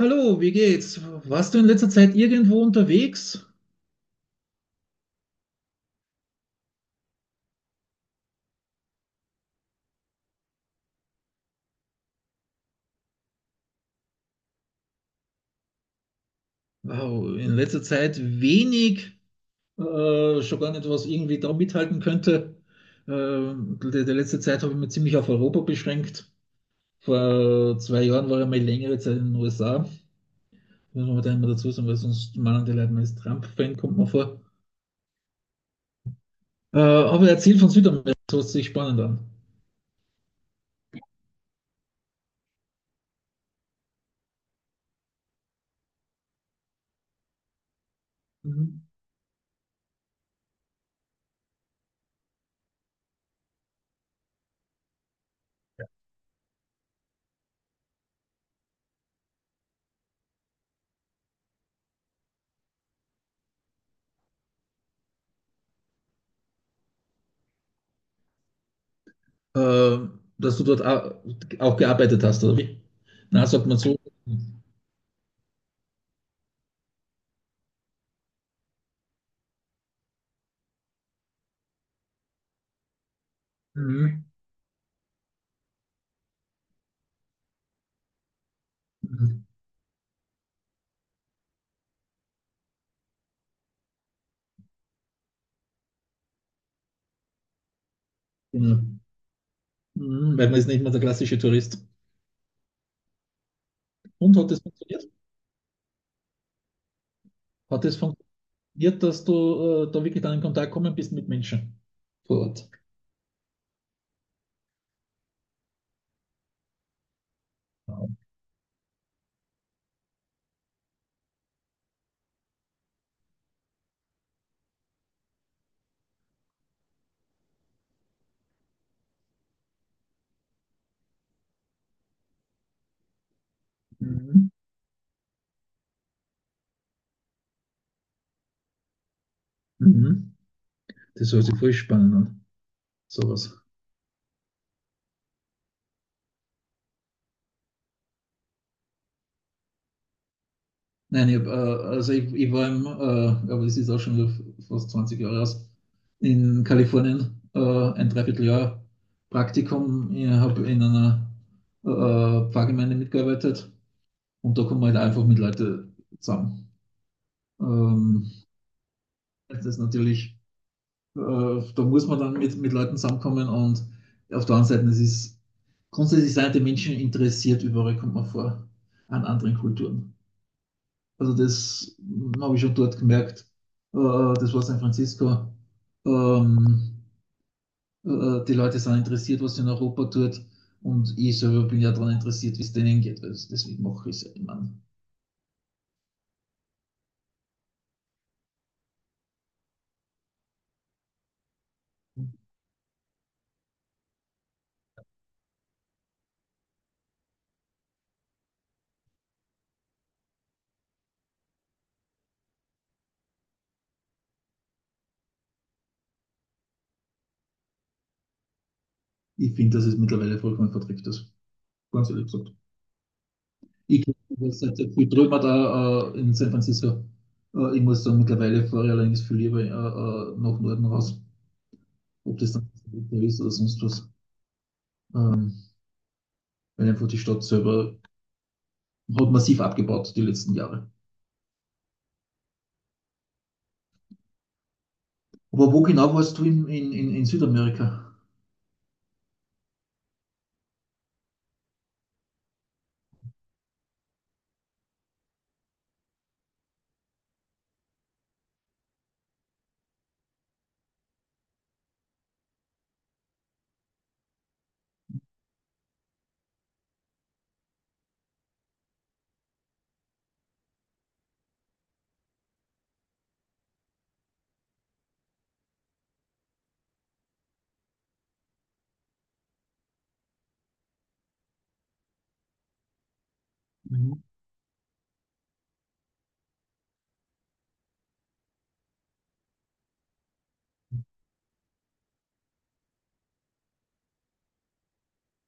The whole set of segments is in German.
Hallo, wie geht's? Warst du in letzter Zeit irgendwo unterwegs? Wow, in letzter Zeit wenig, schon gar nicht, was irgendwie da mithalten könnte. Die letzte Zeit habe ich mich ziemlich auf Europa beschränkt. Vor zwei Jahren war ich mal längere Zeit in den USA. Muss man da immer dazu sagen, weil sonst meinen die Leute, man ist Trump-Fan, kommt man vor. Aber erzähl von Südamerika, das hört sich spannend an. Mhm. Äh, Dass du dort auch gearbeitet hast, oder wie? Na, sagt man so. Mhm. Mhm. Genau. Mhm, weil man ist nicht mehr der klassische Tourist. Und hat es funktioniert? Hat es funktioniert, dass du da wirklich dann in Kontakt gekommen bist mit Menschen vor Ort? Ja. Mhm. Mhm. Das hört sich voll spannend an, sowas. Nein, ich hab, also ich war im, aber das ist auch schon wieder fast 20 Jahre aus, in Kalifornien ein Dreivierteljahr Praktikum. Ich habe in einer Pfarrgemeinde mitgearbeitet und da kommt man halt einfach mit Leuten zusammen. Ähm, Das ist natürlich, da muss man dann mit Leuten zusammenkommen und auf der anderen Seite, es ist grundsätzlich sind die Menschen interessiert, überall kommt man vor, an anderen Kulturen. Also das habe ich schon dort gemerkt. Äh, Das war San Francisco. Ähm, Die Leute sind interessiert, was in Europa tut. Und ich selber bin ja daran interessiert, wie es denen geht. Also deswegen mache ich es. Ich finde, dass es mittlerweile vollkommen verträgt ist. Ganz ehrlich gesagt. Ich glaube, seit der viel drüber da in San Francisco. Ich muss dann mittlerweile fahre ich allerdings viel lieber nach Norden raus, ob das dann ist oder sonst was. Ähm, Weil einfach die Stadt selber hat massiv abgebaut die letzten Jahre. Aber wo genau warst du in Südamerika? Mhm.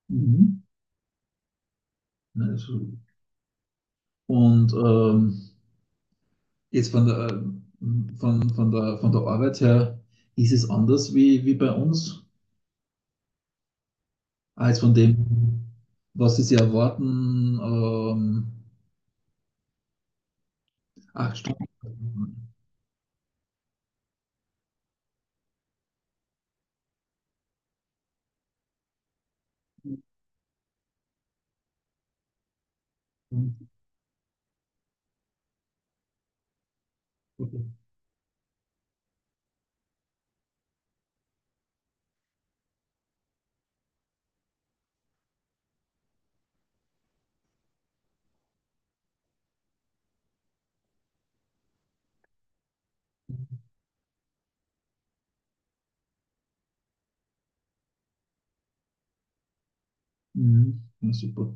Mhm. Also, und jetzt von der Arbeit her ist es anders wie, wie bei uns. Als von dem, was sie erwarten. Acht Stunden. Mhm. Ja, super.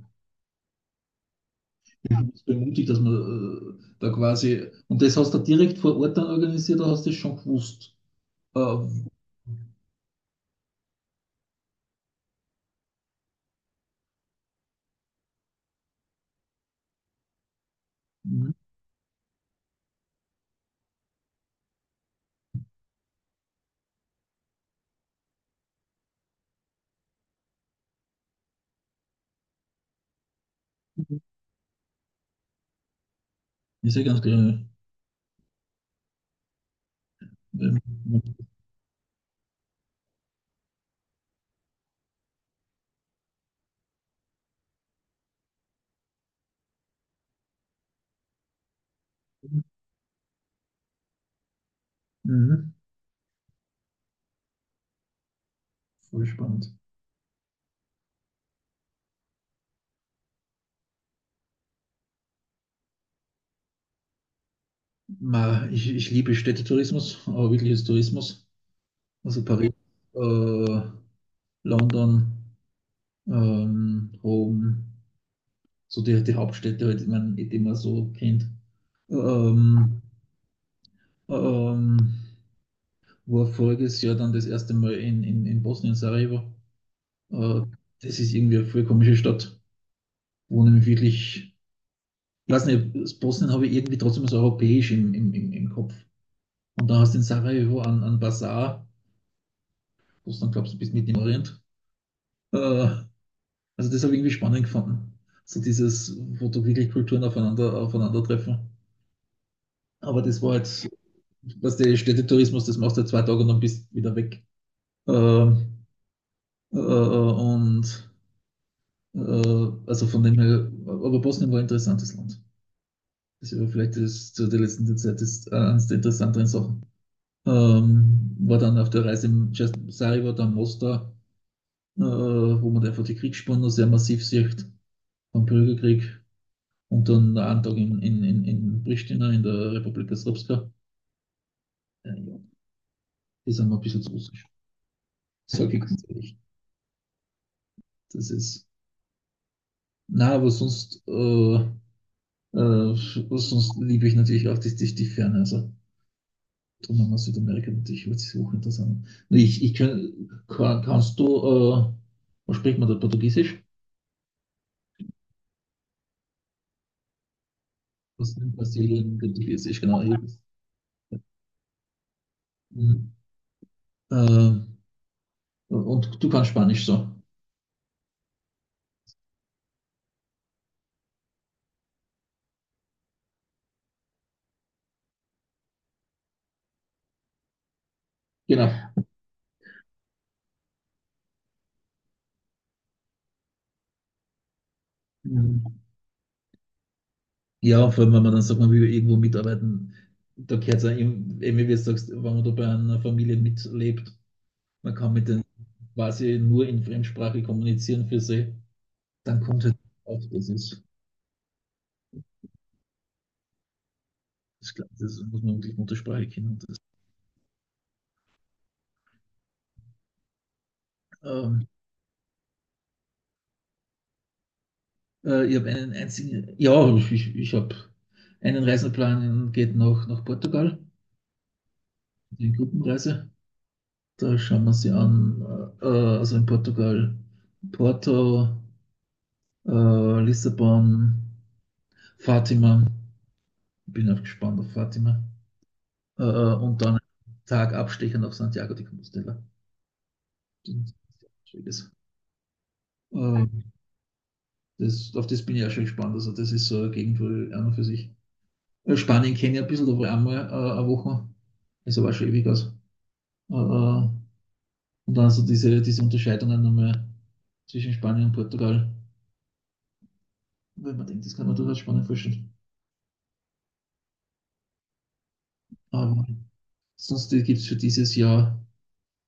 Ich bin bemutigt, dass man da quasi. Und das hast du direkt vor Ort dann organisiert, oder hast du das schon gewusst? Äh, mhm. Ist ja ganz gerne. Ähm, Mhm. Voll spannend. Ich liebe Städtetourismus, aber wirkliches Tourismus. Also Paris, äh, London, Rom. So die Hauptstädte, halt, ich mein, die man so kennt. Ähm, ähm, War voriges Jahr dann das erste Mal in Bosnien, Sarajevo. Äh, Das ist irgendwie eine voll komische Stadt, wo nämlich wirklich, ich weiß nicht, Bosnien habe ich irgendwie trotzdem so europäisch im Kopf. Und dann hast du in Sarajevo an Bazar, wo du dann glaubst, du bist mit im Orient. Äh, also das habe ich irgendwie spannend gefunden. So dieses, wo du wirklich Kulturen aufeinandertreffen. Aber das war halt was der Städtetourismus, das machst du halt zwei Tage und dann bist wieder weg. Ähm, und also von dem her, aber Bosnien war ein interessantes Land. Das war vielleicht das, zu der letzten Zeit das, eines der interessanteren Sachen. War dann auf der Reise im Sarajevo, dann Mostar, wo man einfach die Kriegsspuren noch sehr massiv sieht, vom Bürgerkrieg. Und dann einen Tag in Pristina, in der Republika Srpska. Ja, die sind mir ein bisschen zu russisch. Sag ich ganz ehrlich. Das ist na, aber sonst, sonst liebe ich natürlich auch die Ferne. Also drum haben wir Südamerika natürlich wird sich hochinteressant. Nur ich kann, kannst du, was spricht man da? Portugiesisch? Was in Brasilien Portugiesisch, genau. Mhm. Äh, und du kannst Spanisch so. Genau. Mhm. Ja, vor allem, wenn man dann sagt, man will irgendwo mitarbeiten, da gehört es eben, wie du sagst, wenn man da bei einer Familie mitlebt. Man kann mit denen quasi nur in Fremdsprache kommunizieren für sie. Dann kommt halt auf, das ist, das, das muss man wirklich Muttersprache kennen. Das, ähm, ich habe einen einzigen, ich habe einen Reiseplan, geht nach Portugal, die Gruppenreise. Da schauen wir sie an, also in Portugal, Porto, Lissabon, Fatima. Ich bin auch gespannt auf Fatima. Und dann Tag abstechend auf Santiago de Compostela. Schräges. Äh, Das, auf das bin ich auch schon gespannt. Also, das ist so eine Gegend, wo ich an und für sich. Spanien kenne ich ein bisschen, da war ich einmal eine Woche. Ist aber auch schon ewig aus. Äh, äh, und dann so diese Unterscheidungen nochmal zwischen Spanien und Portugal. Wenn man denkt, das kann man durchaus spannend vorstellen. Aber sonst gibt es für dieses Jahr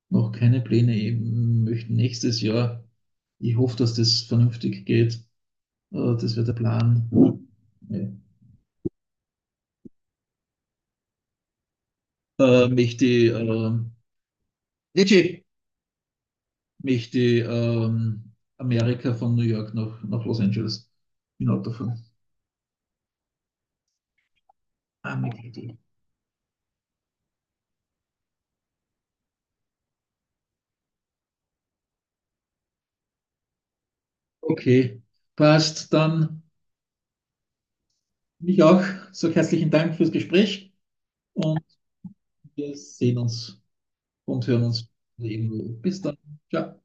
noch keine Pläne. Ich möchte nächstes Jahr, ich hoffe, dass das vernünftig geht. Das wäre der Plan. Ja. Möchte ich, Legit mich die Amerika von New York nach Los Angeles bin Auto fahren. Ah, okay, passt. Dann mich auch. So herzlichen Dank fürs Gespräch und wir sehen uns und hören uns irgendwo. Bis dann. Ciao.